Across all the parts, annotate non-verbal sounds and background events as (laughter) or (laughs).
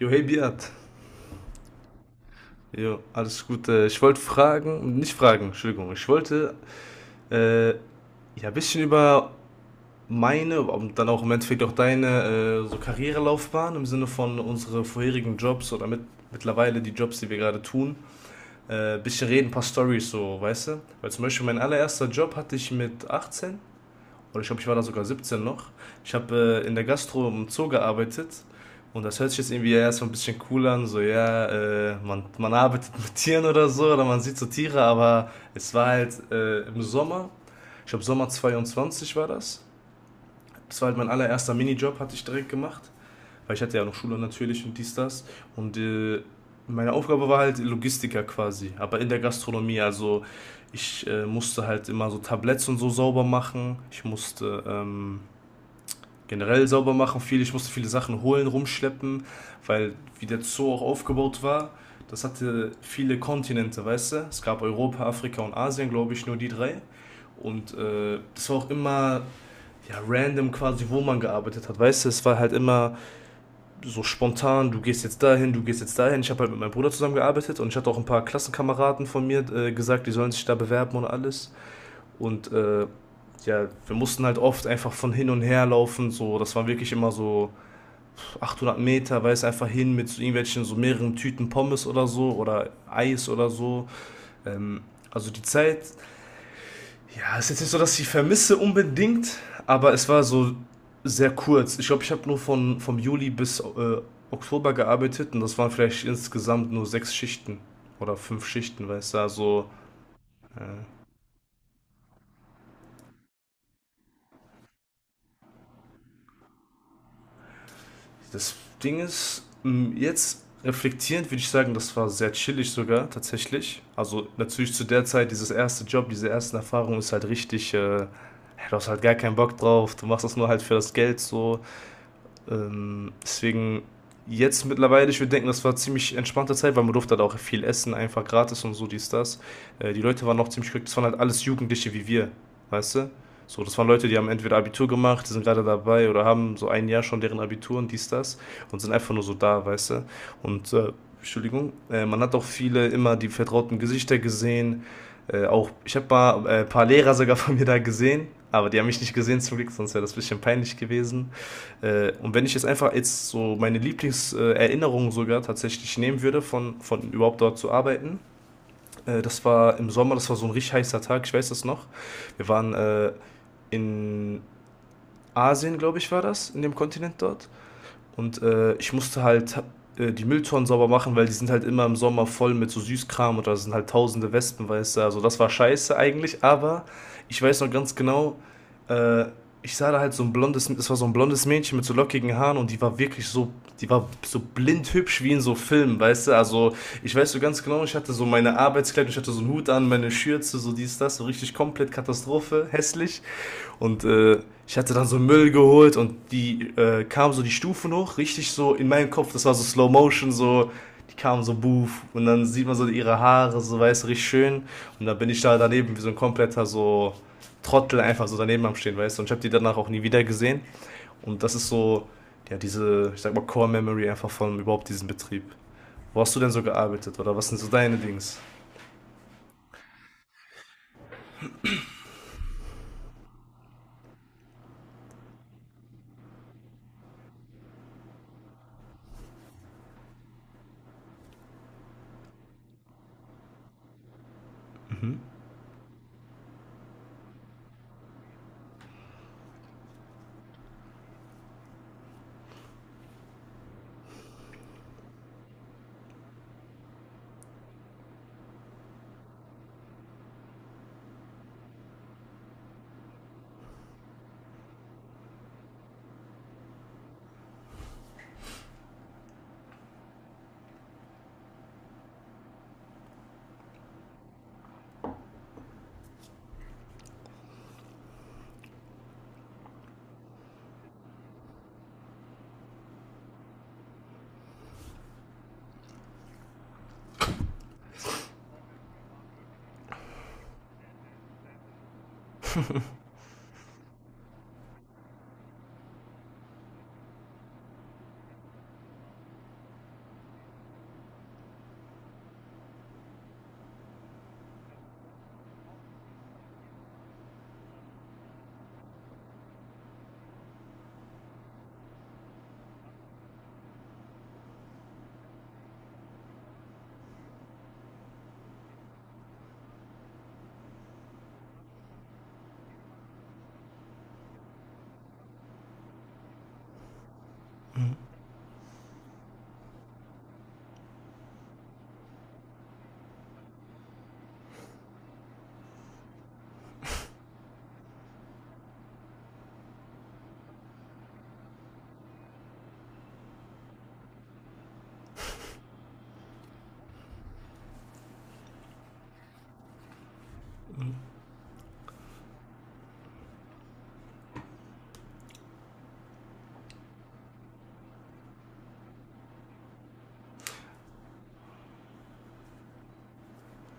Jo, hey Beat. Jo, alles gut. Ich wollte fragen, nicht fragen, Entschuldigung. Ich wollte äh, ja ein bisschen über meine und dann auch im Endeffekt auch deine so Karrierelaufbahn im Sinne von unsere vorherigen Jobs oder mittlerweile die Jobs, die wir gerade tun, bisschen reden, ein paar Stories so, weißt du? Weil zum Beispiel mein allererster Job hatte ich mit 18. Oder ich glaube, ich war da sogar 17 noch. Ich habe in der Gastro im Zoo gearbeitet und das hört sich jetzt irgendwie erstmal ein bisschen cool an, so ja, man arbeitet (laughs) mit Tieren oder so oder man sieht so Tiere, aber es war halt im Sommer, ich glaube Sommer 22 war das. Das war halt mein allererster Minijob, hatte ich direkt gemacht, weil ich hatte ja noch Schule natürlich und dies, das und meine Aufgabe war halt Logistiker quasi, aber in der Gastronomie, also ich musste halt immer so Tabletts und so sauber machen, ich musste. Generell sauber machen viel. Ich musste viele Sachen holen, rumschleppen, weil wie der Zoo auch aufgebaut war, das hatte viele Kontinente, weißt du? Es gab Europa, Afrika und Asien, glaube ich, nur die drei. Und das war auch immer ja, random quasi, wo man gearbeitet hat, weißt du? Es war halt immer so spontan, du gehst jetzt dahin, du gehst jetzt dahin. Ich habe halt mit meinem Bruder zusammengearbeitet und ich hatte auch ein paar Klassenkameraden von mir gesagt, die sollen sich da bewerben und alles. Und ja, wir mussten halt oft einfach von hin und her laufen. So, das war wirklich immer so 800 Meter, weiß einfach hin mit so irgendwelchen so mehreren Tüten Pommes oder so oder Eis oder so. Ähm, also die Zeit, ja, ist jetzt nicht so, dass ich vermisse unbedingt, aber es war so sehr kurz. Ich glaube, ich habe nur von vom Juli bis Oktober gearbeitet und das waren vielleicht insgesamt nur sechs Schichten oder fünf Schichten, weißt du, also äh, das Ding ist, jetzt reflektierend würde ich sagen, das war sehr chillig sogar tatsächlich. Also natürlich zu der Zeit, dieses erste Job, diese ersten Erfahrungen ist halt richtig, du hast halt gar keinen Bock drauf, du machst das nur halt für das Geld so. Deswegen jetzt mittlerweile, ich würde denken, das war ziemlich entspannte Zeit, weil man durfte halt auch viel essen, einfach gratis und so, dies, das. Die Leute waren noch ziemlich glücklich, das waren halt alles Jugendliche wie wir, weißt du? So, das waren Leute, die haben entweder Abitur gemacht, die sind gerade dabei oder haben so ein Jahr schon deren Abitur und dies, das und sind einfach nur so da, weißt du? Und, Entschuldigung, man hat auch viele immer die vertrauten Gesichter gesehen. Auch, ich habe mal ein paar Lehrer sogar von mir da gesehen, aber die haben mich nicht gesehen zum Glück, sonst wäre das ein bisschen peinlich gewesen. Und wenn ich jetzt einfach jetzt so meine Lieblingserinnerungen sogar tatsächlich nehmen würde, von überhaupt dort zu arbeiten, das war im Sommer, das war so ein richtig heißer Tag, ich weiß das noch. Wir waren in Asien, glaube ich, war das, in dem Kontinent dort. Und ich musste halt die Mülltonnen sauber machen, weil die sind halt immer im Sommer voll mit so Süßkram und da sind halt tausende Wespen, weißt du. Also das war scheiße eigentlich, aber ich weiß noch ganz genau, äh, ich sah da halt so ein blondes, es war so ein blondes Mädchen mit so lockigen Haaren und die war wirklich so, die war so blind hübsch wie in so Filmen, weißt du? Also ich weiß so ganz genau, ich hatte so meine Arbeitskleidung, ich hatte so einen Hut an, meine Schürze, so dies, das, so richtig komplett Katastrophe, hässlich. Und ich hatte dann so Müll geholt und die kam so die Stufen hoch, richtig so in meinem Kopf, das war so Slow Motion, so, die kamen so buff und dann sieht man so ihre Haare, so weiß, richtig schön. Und dann bin ich da daneben wie so ein kompletter so Trottel einfach so daneben am Stehen, weißt du. Und ich habe die danach auch nie wieder gesehen. Und das ist so, ja, diese, ich sag mal, Core Memory einfach von überhaupt diesem Betrieb. Wo hast du denn so gearbeitet oder was sind so deine Dings? Mhm.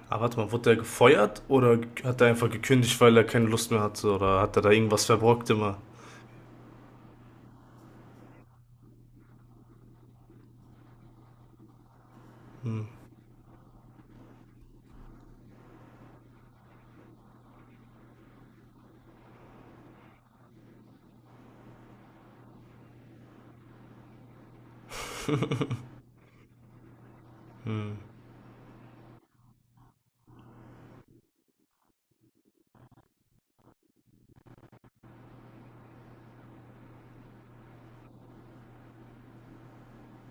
Aber warte mal, wurde er gefeuert oder hat er einfach gekündigt, weil er keine Lust mehr hatte? Oder hat er da irgendwas verbrockt immer? Hm, hm,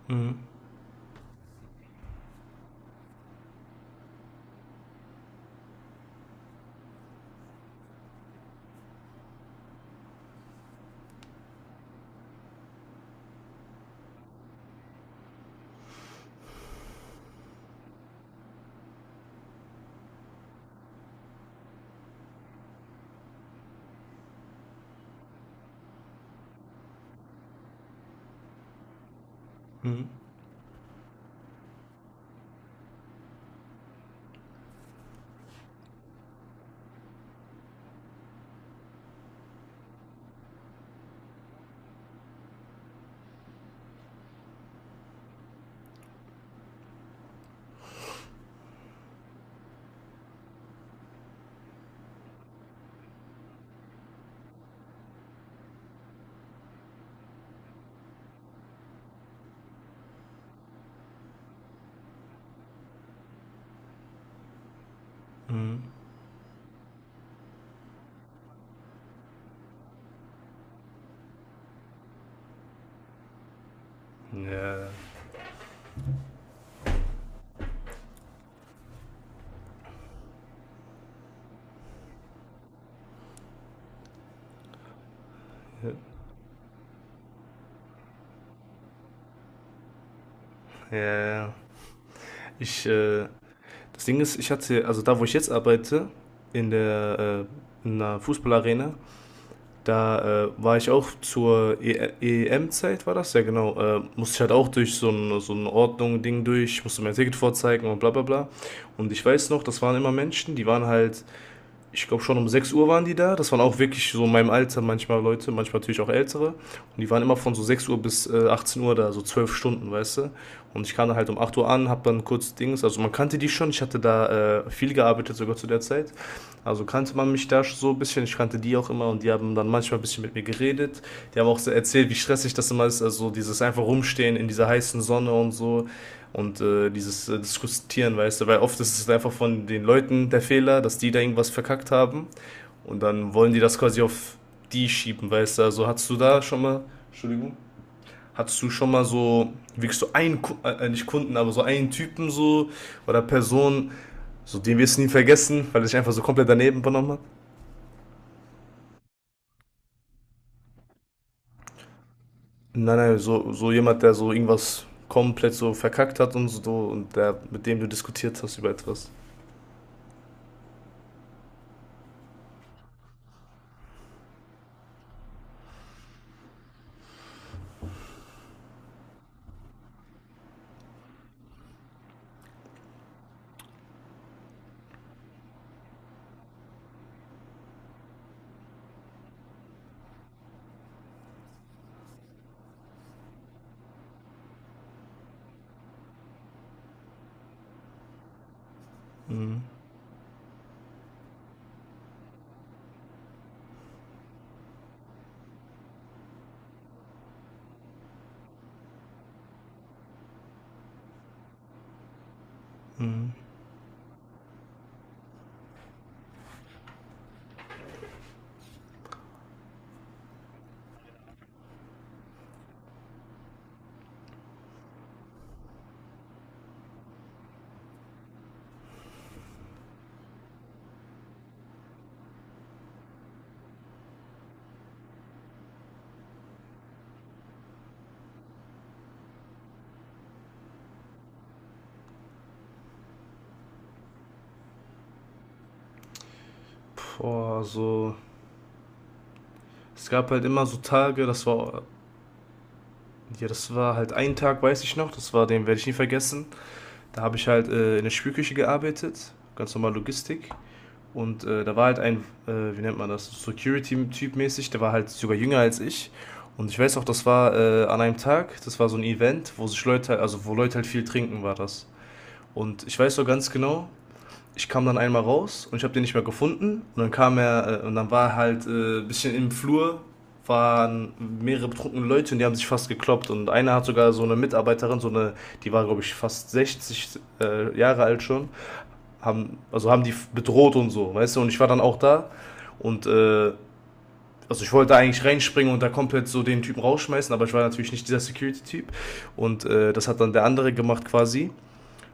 hm, hm, hm. Ja, ja, ja. Ich, äh, Das Ding ist, ich hatte, also da, wo ich jetzt arbeite, in der, in einer Fußballarena, da war ich auch zur e EM-Zeit, war das? Ja, genau. Musste ich halt auch durch so ein Ordnung-Ding durch, musste mein Ticket vorzeigen und bla bla bla. Und ich weiß noch, das waren immer Menschen, die waren halt ich glaube schon um 6 Uhr waren die da. Das waren auch wirklich so in meinem Alter manchmal Leute, manchmal natürlich auch ältere. Und die waren immer von so 6 Uhr bis 18 Uhr da, so 12 Stunden, weißt du. Und ich kam dann halt um 8 Uhr an, hab dann kurz Dings, also man kannte die schon, ich hatte da viel gearbeitet sogar zu der Zeit. Also kannte man mich da so ein bisschen, ich kannte die auch immer und die haben dann manchmal ein bisschen mit mir geredet. Die haben auch so erzählt, wie stressig das immer ist, also dieses einfach rumstehen in dieser heißen Sonne und so und dieses Diskutieren, weißt du, weil oft ist es einfach von den Leuten der Fehler, dass die da irgendwas verkackt haben und dann wollen die das quasi auf die schieben, weißt du. Also hattest du da schon mal, Entschuldigung, hattest du schon mal so wirklich so einen, nicht Kunden, aber so einen Typen so oder Person, so den wirst du nie vergessen, weil er sich einfach so komplett daneben benommen hat? Nein, nein, so, so jemand, der so irgendwas komplett so verkackt hat und so und der, mit dem du diskutiert hast über etwas. Boah, so. Es gab halt immer so Tage, das war. Ja, das war halt ein Tag, weiß ich noch, das war, den werde ich nie vergessen. Da habe ich halt in der Spülküche gearbeitet, ganz normal Logistik. Und da war halt ein, wie nennt man das, Security-Typ mäßig, der war halt sogar jünger als ich. Und ich weiß auch, das war an einem Tag, das war so ein Event, wo sich Leute, also wo Leute halt viel trinken, war das. Und ich weiß so ganz genau, ich kam dann einmal raus und ich habe den nicht mehr gefunden. Und dann kam er, und dann war er halt ein bisschen im Flur, waren mehrere betrunkene Leute und die haben sich fast gekloppt. Und einer hat sogar so eine Mitarbeiterin, so eine, die war, glaube ich, fast 60 Jahre alt schon, haben, also haben die bedroht und so, weißt du? Und ich war dann auch da und also ich wollte eigentlich reinspringen und da komplett so den Typen rausschmeißen, aber ich war natürlich nicht dieser Security-Typ. Und das hat dann der andere gemacht quasi.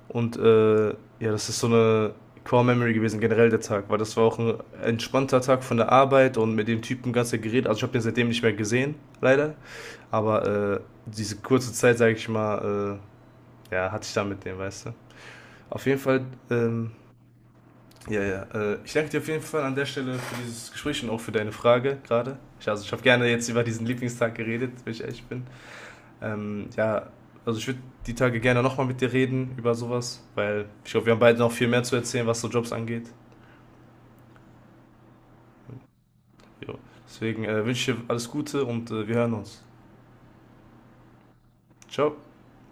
Und ja, das ist so eine Core Memory gewesen, generell der Tag, weil das war auch ein entspannter Tag von der Arbeit und mit dem Typen ganz geredet. Also ich habe den seitdem nicht mehr gesehen, leider. Aber diese kurze Zeit, sage ich mal, ja, hatte ich da mit dem, weißt du. Auf jeden Fall, ja, ja. Ich danke dir auf jeden Fall an der Stelle für dieses Gespräch und auch für deine Frage gerade. Ich, also ich habe gerne jetzt über diesen Lieblingstag geredet, wenn ich ehrlich bin. Ja, also ich würde die Tage gerne nochmal mit dir reden über sowas, weil ich glaube, wir haben beide noch viel mehr zu erzählen, was so Jobs angeht. Jo. Deswegen wünsche ich dir alles Gute und wir hören uns. Ciao.